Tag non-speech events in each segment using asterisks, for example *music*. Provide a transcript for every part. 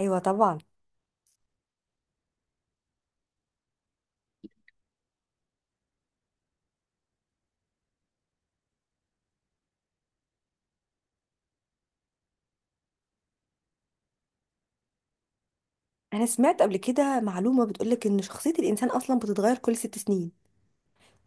ايوه، طبعا. انا سمعت قبل كده معلومه بتقولك ان شخصيه الانسان اصلا بتتغير كل ست سنين.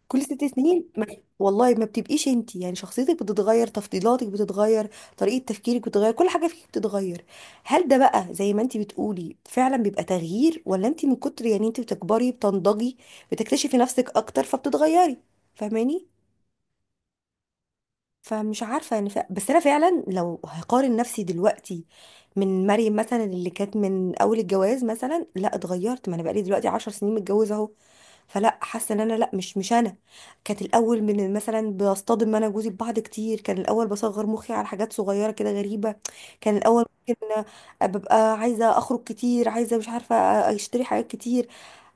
كل ست سنين ما والله ما بتبقيش انت، يعني شخصيتك بتتغير، تفضيلاتك بتتغير، طريقه تفكيرك بتتغير، كل حاجه فيك بتتغير. هل ده بقى زي ما انت بتقولي فعلا بيبقى تغيير، ولا انت من كتر يعني انت بتكبري بتنضجي بتكتشفي نفسك اكتر فبتتغيري؟ فاهماني؟ فمش عارفة يعني بس أنا فعلا لو هقارن نفسي دلوقتي من مريم مثلا، اللي كانت من أول الجواز مثلا، لا اتغيرت، ما أنا بقالي دلوقتي عشر سنين متجوزة أهو، فلا حاسة إن أنا، لا، مش أنا كانت الأول. من مثلا بصطدم أنا وجوزي ببعض كتير، كان الأول بصغر مخي على حاجات صغيرة كده غريبة. كان الأول ممكن ببقى عايزة أخرج كتير، عايزة مش عارفة أشتري حاجات كتير.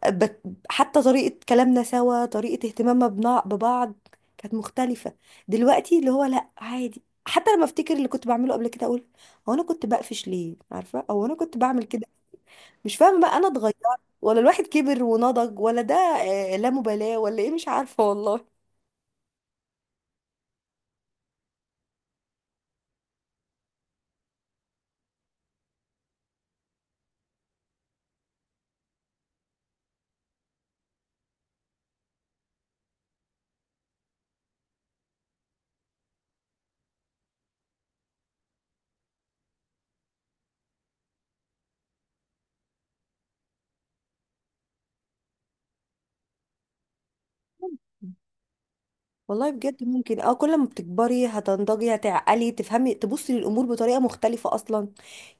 بت- حتى طريقة كلامنا سوا، طريقة اهتمامنا ببعض كانت مختلفة. دلوقتي اللي هو لا، عادي، حتى لما افتكر اللي كنت بعمله قبل كده اقول هو انا كنت بقفش ليه؟ عارفة؟ او انا كنت بعمل كده؟ مش فاهمة بقى، انا اتغيرت ولا الواحد كبر ونضج، ولا ده لا مبالاة ولا ايه؟ مش عارفة والله. والله بجد ممكن، اه، كل ما بتكبري هتنضجي هتعقلي تفهمي تبصي للامور بطريقه مختلفه اصلا.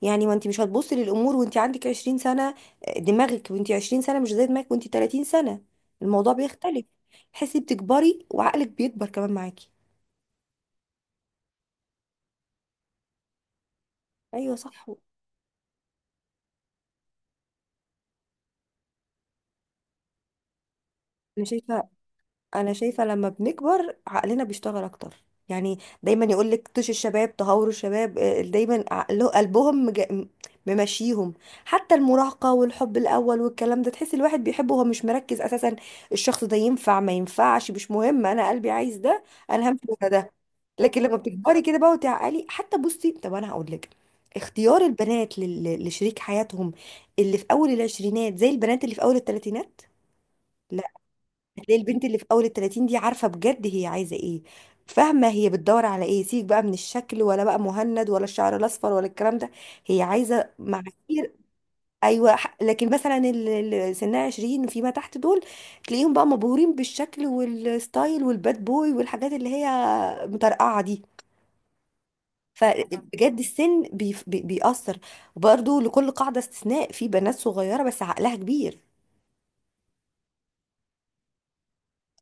يعني ما انت مش هتبصي للامور وانت عندك 20 سنه. دماغك وانت 20 سنه مش زي دماغك وانت 30 سنه، الموضوع بيختلف. تحسي بتكبري وعقلك بيكبر كمان معاكي. ايوه صح. انا شايفه انا شايفه لما بنكبر عقلنا بيشتغل اكتر، يعني دايما يقول لك طش الشباب، تهور الشباب. دايما عقله قلبهم ممشيهم. حتى المراهقه والحب الاول والكلام ده، تحس الواحد بيحبه وهو مش مركز اساسا الشخص ده ينفع ما ينفعش، مش مهم، انا قلبي عايز ده، انا همشي ورا ده. لكن لما بتكبري كده بقى وتعقلي، حتى بصي طب انا هقول لك، اختيار البنات لشريك حياتهم، اللي في اول العشرينات زي البنات اللي في اول الثلاثينات. هتلاقي البنت اللي في اول التلاتين دي عارفه بجد هي عايزه ايه، فاهمه هي بتدور على ايه، سيبك بقى من الشكل ولا بقى مهند ولا الشعر الاصفر ولا الكلام ده، هي عايزه معايير. ايوه لكن مثلا اللي سنها 20 فيما تحت دول، تلاقيهم بقى مبهورين بالشكل والستايل والباد بوي والحاجات اللي هي مطرقعه دي. فبجد السن بيأثر. وبرده لكل قاعده استثناء، في بنات صغيره بس عقلها كبير.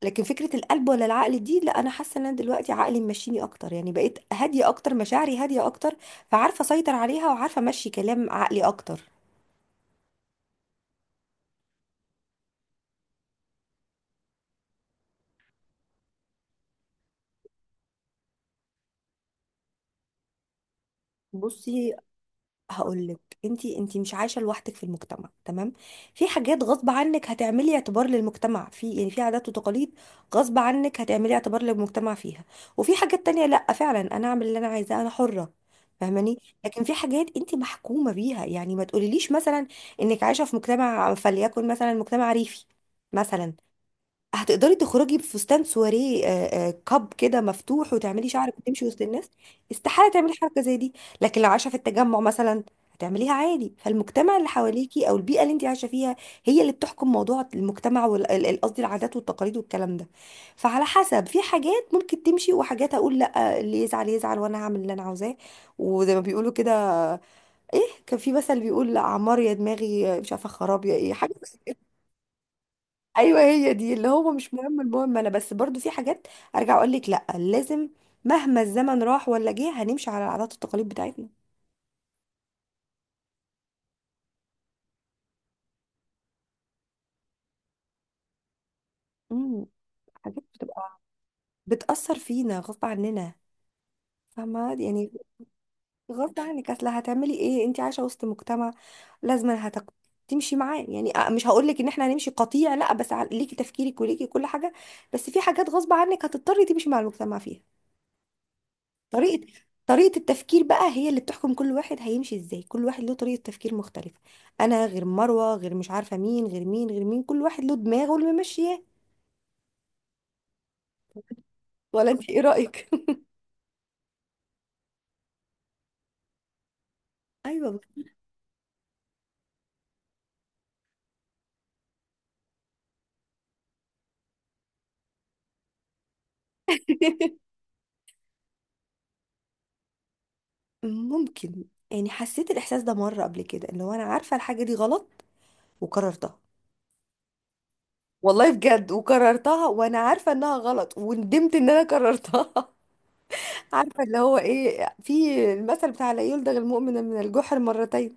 لكن فكرة القلب ولا العقل دي، لا، انا حاسة ان انا دلوقتي عقلي ماشيني اكتر، يعني بقيت هادية اكتر، مشاعري هادية اكتر، فعارفة اسيطر عليها وعارفة امشي كلام عقلي اكتر. بصي هقولك، انتي مش عايشه لوحدك في المجتمع، تمام؟ في حاجات غصب عنك هتعملي اعتبار للمجتمع في، يعني في عادات وتقاليد غصب عنك هتعملي اعتبار للمجتمع فيها. وفي حاجات تانية لا، فعلا انا اعمل اللي انا عايزاه، انا حره. فاهماني؟ لكن في حاجات انتي محكومه بيها، يعني ما تقوليليش مثلا انك عايشه في مجتمع فليكن مثلا مجتمع ريفي مثلا، هتقدري تخرجي بفستان سواريه كاب كده مفتوح وتعملي شعرك وتمشي وسط الناس؟ استحاله تعملي حركه زي دي. لكن لو عايشه في التجمع مثلا، هتعمليها عادي. فالمجتمع اللي حواليكي او البيئه اللي انت عايشه فيها هي اللي بتحكم موضوع المجتمع، وقصدي العادات والتقاليد والكلام ده. فعلى حسب، في حاجات ممكن تمشي، وحاجات اقول لا، اللي يزعل يزعل وانا هعمل اللي انا عاوزاه. وزي ما بيقولوا كده، ايه؟ كان في مثل بيقول لا عمار يا دماغي، مش عارفه خراب يا ايه حاجه. ايوه، هي دي، اللي هو مش مهم، المهم انا. بس برضو في حاجات ارجع اقول لك لا لازم، مهما الزمن راح ولا جه هنمشي على العادات والتقاليد بتاعتنا. امم حاجات بتبقى بتأثر فينا غصب عننا، فاهمة يعني؟ غصب عنك، اصل هتعملي ايه، انت عايشة وسط مجتمع لازم تمشي معاه، يعني مش هقول لك ان احنا هنمشي قطيع، لا، بس ليكي تفكيرك وليكي كل حاجة، بس في حاجات غصب عنك هتضطري تمشي مع المجتمع فيها. طريقة طريقة التفكير بقى هي اللي بتحكم، كل واحد هيمشي ازاي، كل واحد له طريقة تفكير مختلفة. انا غير مروة غير مش عارفة مين غير مين غير مين، كل واحد له دماغه اللي ممشياه. ولا انت ايه رأيك؟ *laughs* ايوه. *laughs* ممكن. يعني حسيت الاحساس ده مرة قبل كده، اللي هو انا عارفة الحاجة دي غلط وكررتها. والله بجد وكررتها وانا عارفة انها غلط وندمت ان انا كررتها. *laughs* عارفه اللي هو ايه؟ في المثل بتاع لا يلدغ المؤمن من الجحر مرتين.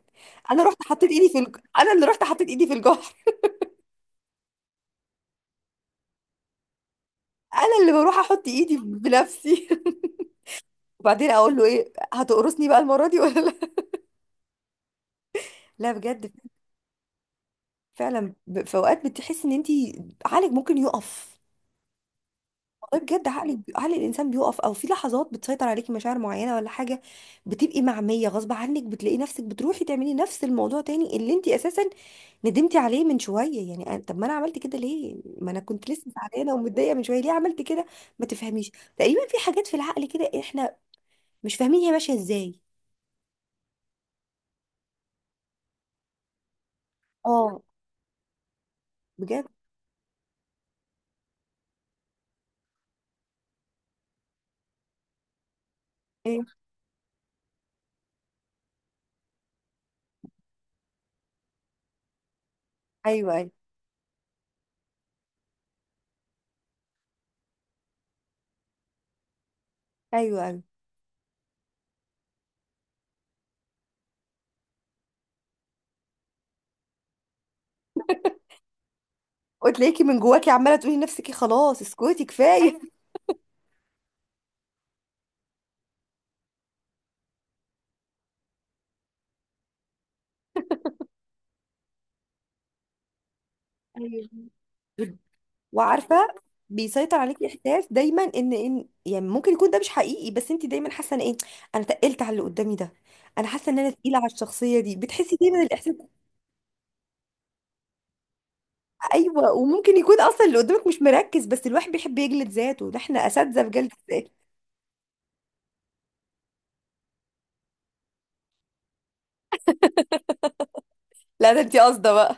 انا رحت حطيت ايدي في انا اللي رحت حطيت ايدي في الجحر، انا اللي بروح احط ايدي بنفسي. *laughs* وبعدين اقول له ايه، هتقرصني بقى المره دي ولا لا؟ لا بجد، فعلا في اوقات بتحس ان انت عقلك ممكن يقف. والله بجد، عقل الانسان بيقف، او في لحظات بتسيطر عليكي مشاعر معينه ولا حاجه، بتبقي معميه غصب عنك، بتلاقي نفسك بتروحي تعملي نفس الموضوع تاني اللي انت اساسا ندمتي عليه من شويه، يعني طب ما انا عملت كده ليه؟ ما انا كنت لسه زعلانه ومتضايقه من شويه، ليه عملت كده؟ ما تفهميش. تقريبا في حاجات في العقل كده احنا مش فاهمين هي ماشيه ازاي. اه، بجد. ايه. ايوه ايوه ايوه وتلاقيكي من جواكي عماله تقولي لنفسك خلاص اسكتي كفايه. *laughs* ايوه. وعارفه بيسيطر عليكي احساس دايما ان يعني ممكن يكون ده مش حقيقي، بس انت دايما حاسه ان ايه؟ انا تقلت على اللي قدامي ده، انا حاسه ان انا تقيله على الشخصيه دي، بتحسي دايما الاحساس ده. ايوه وممكن يكون اصلا اللي قدامك مش مركز، بس الواحد بيحب يجلد ذاته، ده احنا اساتذه في جلد الذات. لا ده انت قاصده بقى.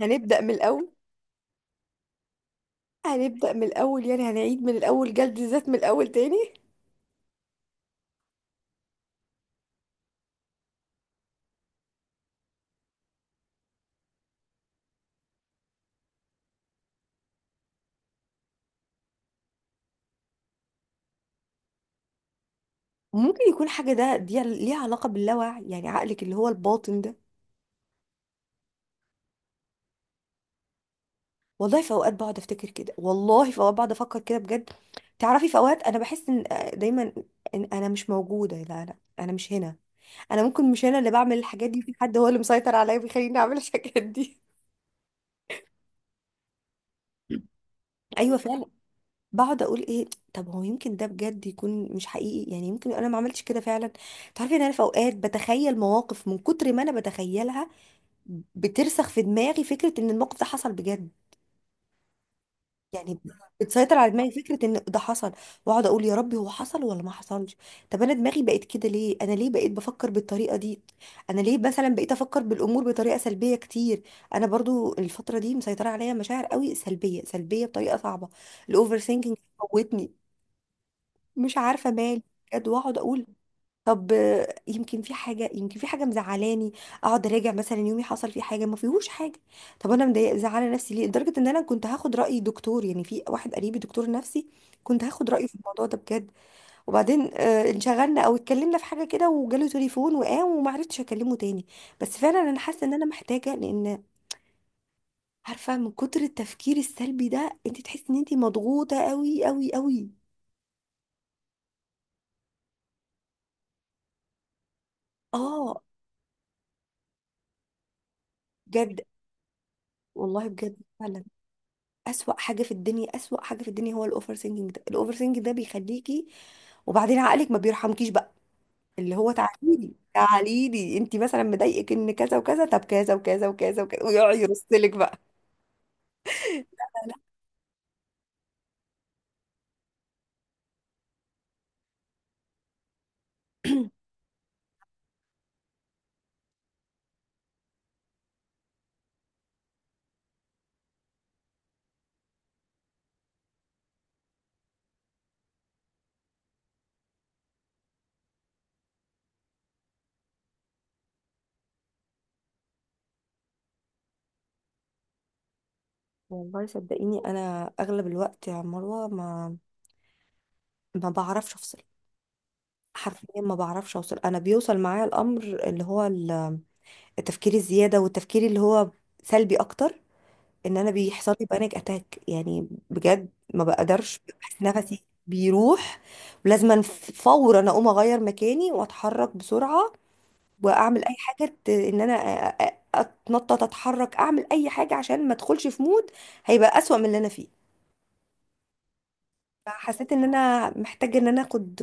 هنبدا من الاول هنبدا من الاول، يعني هنعيد من الاول جلد الذات من الاول تاني. ممكن يكون حاجه ده دي ليها علاقه باللاوعي، يعني عقلك اللي هو الباطن ده. والله في اوقات بقعد افتكر كده، والله في اوقات بقعد افكر كده بجد. تعرفي في اوقات انا بحس ان، دايما ان انا مش موجوده، لا، انا مش هنا، انا ممكن مش انا اللي بعمل الحاجات دي، في حد هو اللي مسيطر عليا بيخليني اعمل الحاجات دي. ايوه فعلا. بقعد اقول ايه، طب هو يمكن ده بجد يكون مش حقيقي، يعني يمكن انا ما عملتش كده فعلا. تعرفي ان انا في اوقات بتخيل مواقف، من كتر ما انا بتخيلها بترسخ في دماغي فكره ان الموقف ده حصل بجد. يعني بتسيطر على دماغي فكرة ان ده حصل، واقعد اقول يا ربي هو حصل ولا ما حصلش. طب انا دماغي بقت كده ليه؟ انا ليه بقيت بفكر بالطريقة دي؟ انا ليه مثلا بقيت افكر بالامور بطريقة سلبية كتير؟ انا برضو الفترة دي مسيطرة عليا مشاعر قوي سلبية، سلبية بطريقة صعبة. الاوفر ثينكينج موتني، مش عارفة مالي بجد. واقعد اقول طب، يمكن في حاجه، مزعلاني. اقعد اراجع مثلا يومي، حصل فيه حاجه، ما فيهوش حاجه. طب انا مضايقه زعلانه نفسي ليه؟ لدرجه ان انا كنت هاخد راي دكتور، يعني في واحد قريبي دكتور نفسي، كنت هاخد رايه في الموضوع ده بجد. وبعدين انشغلنا او اتكلمنا في حاجه كده وجاله تليفون وقام وما عرفتش اكلمه تاني. بس فعلا انا حاسه ان انا محتاجه، لان عارفه من كتر التفكير السلبي ده انت تحسي ان انت مضغوطه قوي قوي قوي. اه بجد، والله بجد فعلا. أسوأ حاجة في الدنيا، أسوأ حاجة في الدنيا هو الأوفر ثينكينج ده. الأوفر ثينكينج ده بيخليكي، وبعدين عقلك ما بيرحمكيش بقى، اللي هو تعاليلي تعاليلي، انت مثلا مضايقك ان كذا وكذا، طب كذا وكذا وكذا وكذا، ويقعد يرسلك بقى. لا والله صدقيني، انا اغلب الوقت يا مروه ما بعرفش افصل، حرفيا ما بعرفش اوصل. انا بيوصل معايا الامر، اللي هو التفكير الزياده، والتفكير اللي هو سلبي اكتر، ان انا بيحصل لي بانيك اتاك. يعني بجد ما بقدرش، بحس نفسي بيروح، ولازم فورا اقوم اغير مكاني واتحرك بسرعه واعمل اي حاجه، ان انا اتنطط، اتحرك، اعمل اي حاجه عشان ما ادخلش في مود هيبقى اسوأ من اللي انا فيه. فحسيت ان انا محتاجه ان انا اخد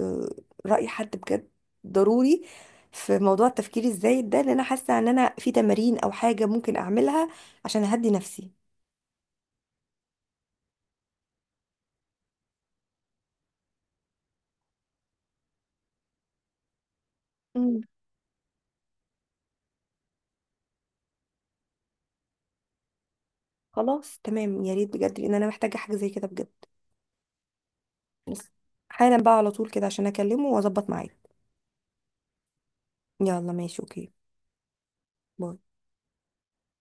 راي حد بجد، ضروري، في موضوع التفكير الزايد ده، لان انا حاسه ان انا في تمارين او حاجه ممكن اعملها عشان اهدي نفسي. خلاص تمام، يا ريت بجد لان انا محتاجه حاجه زي كده بجد. بس حالا بقى، على طول كده، عشان اكلمه واظبط معاك. يلا ماشي، اوكي، باي.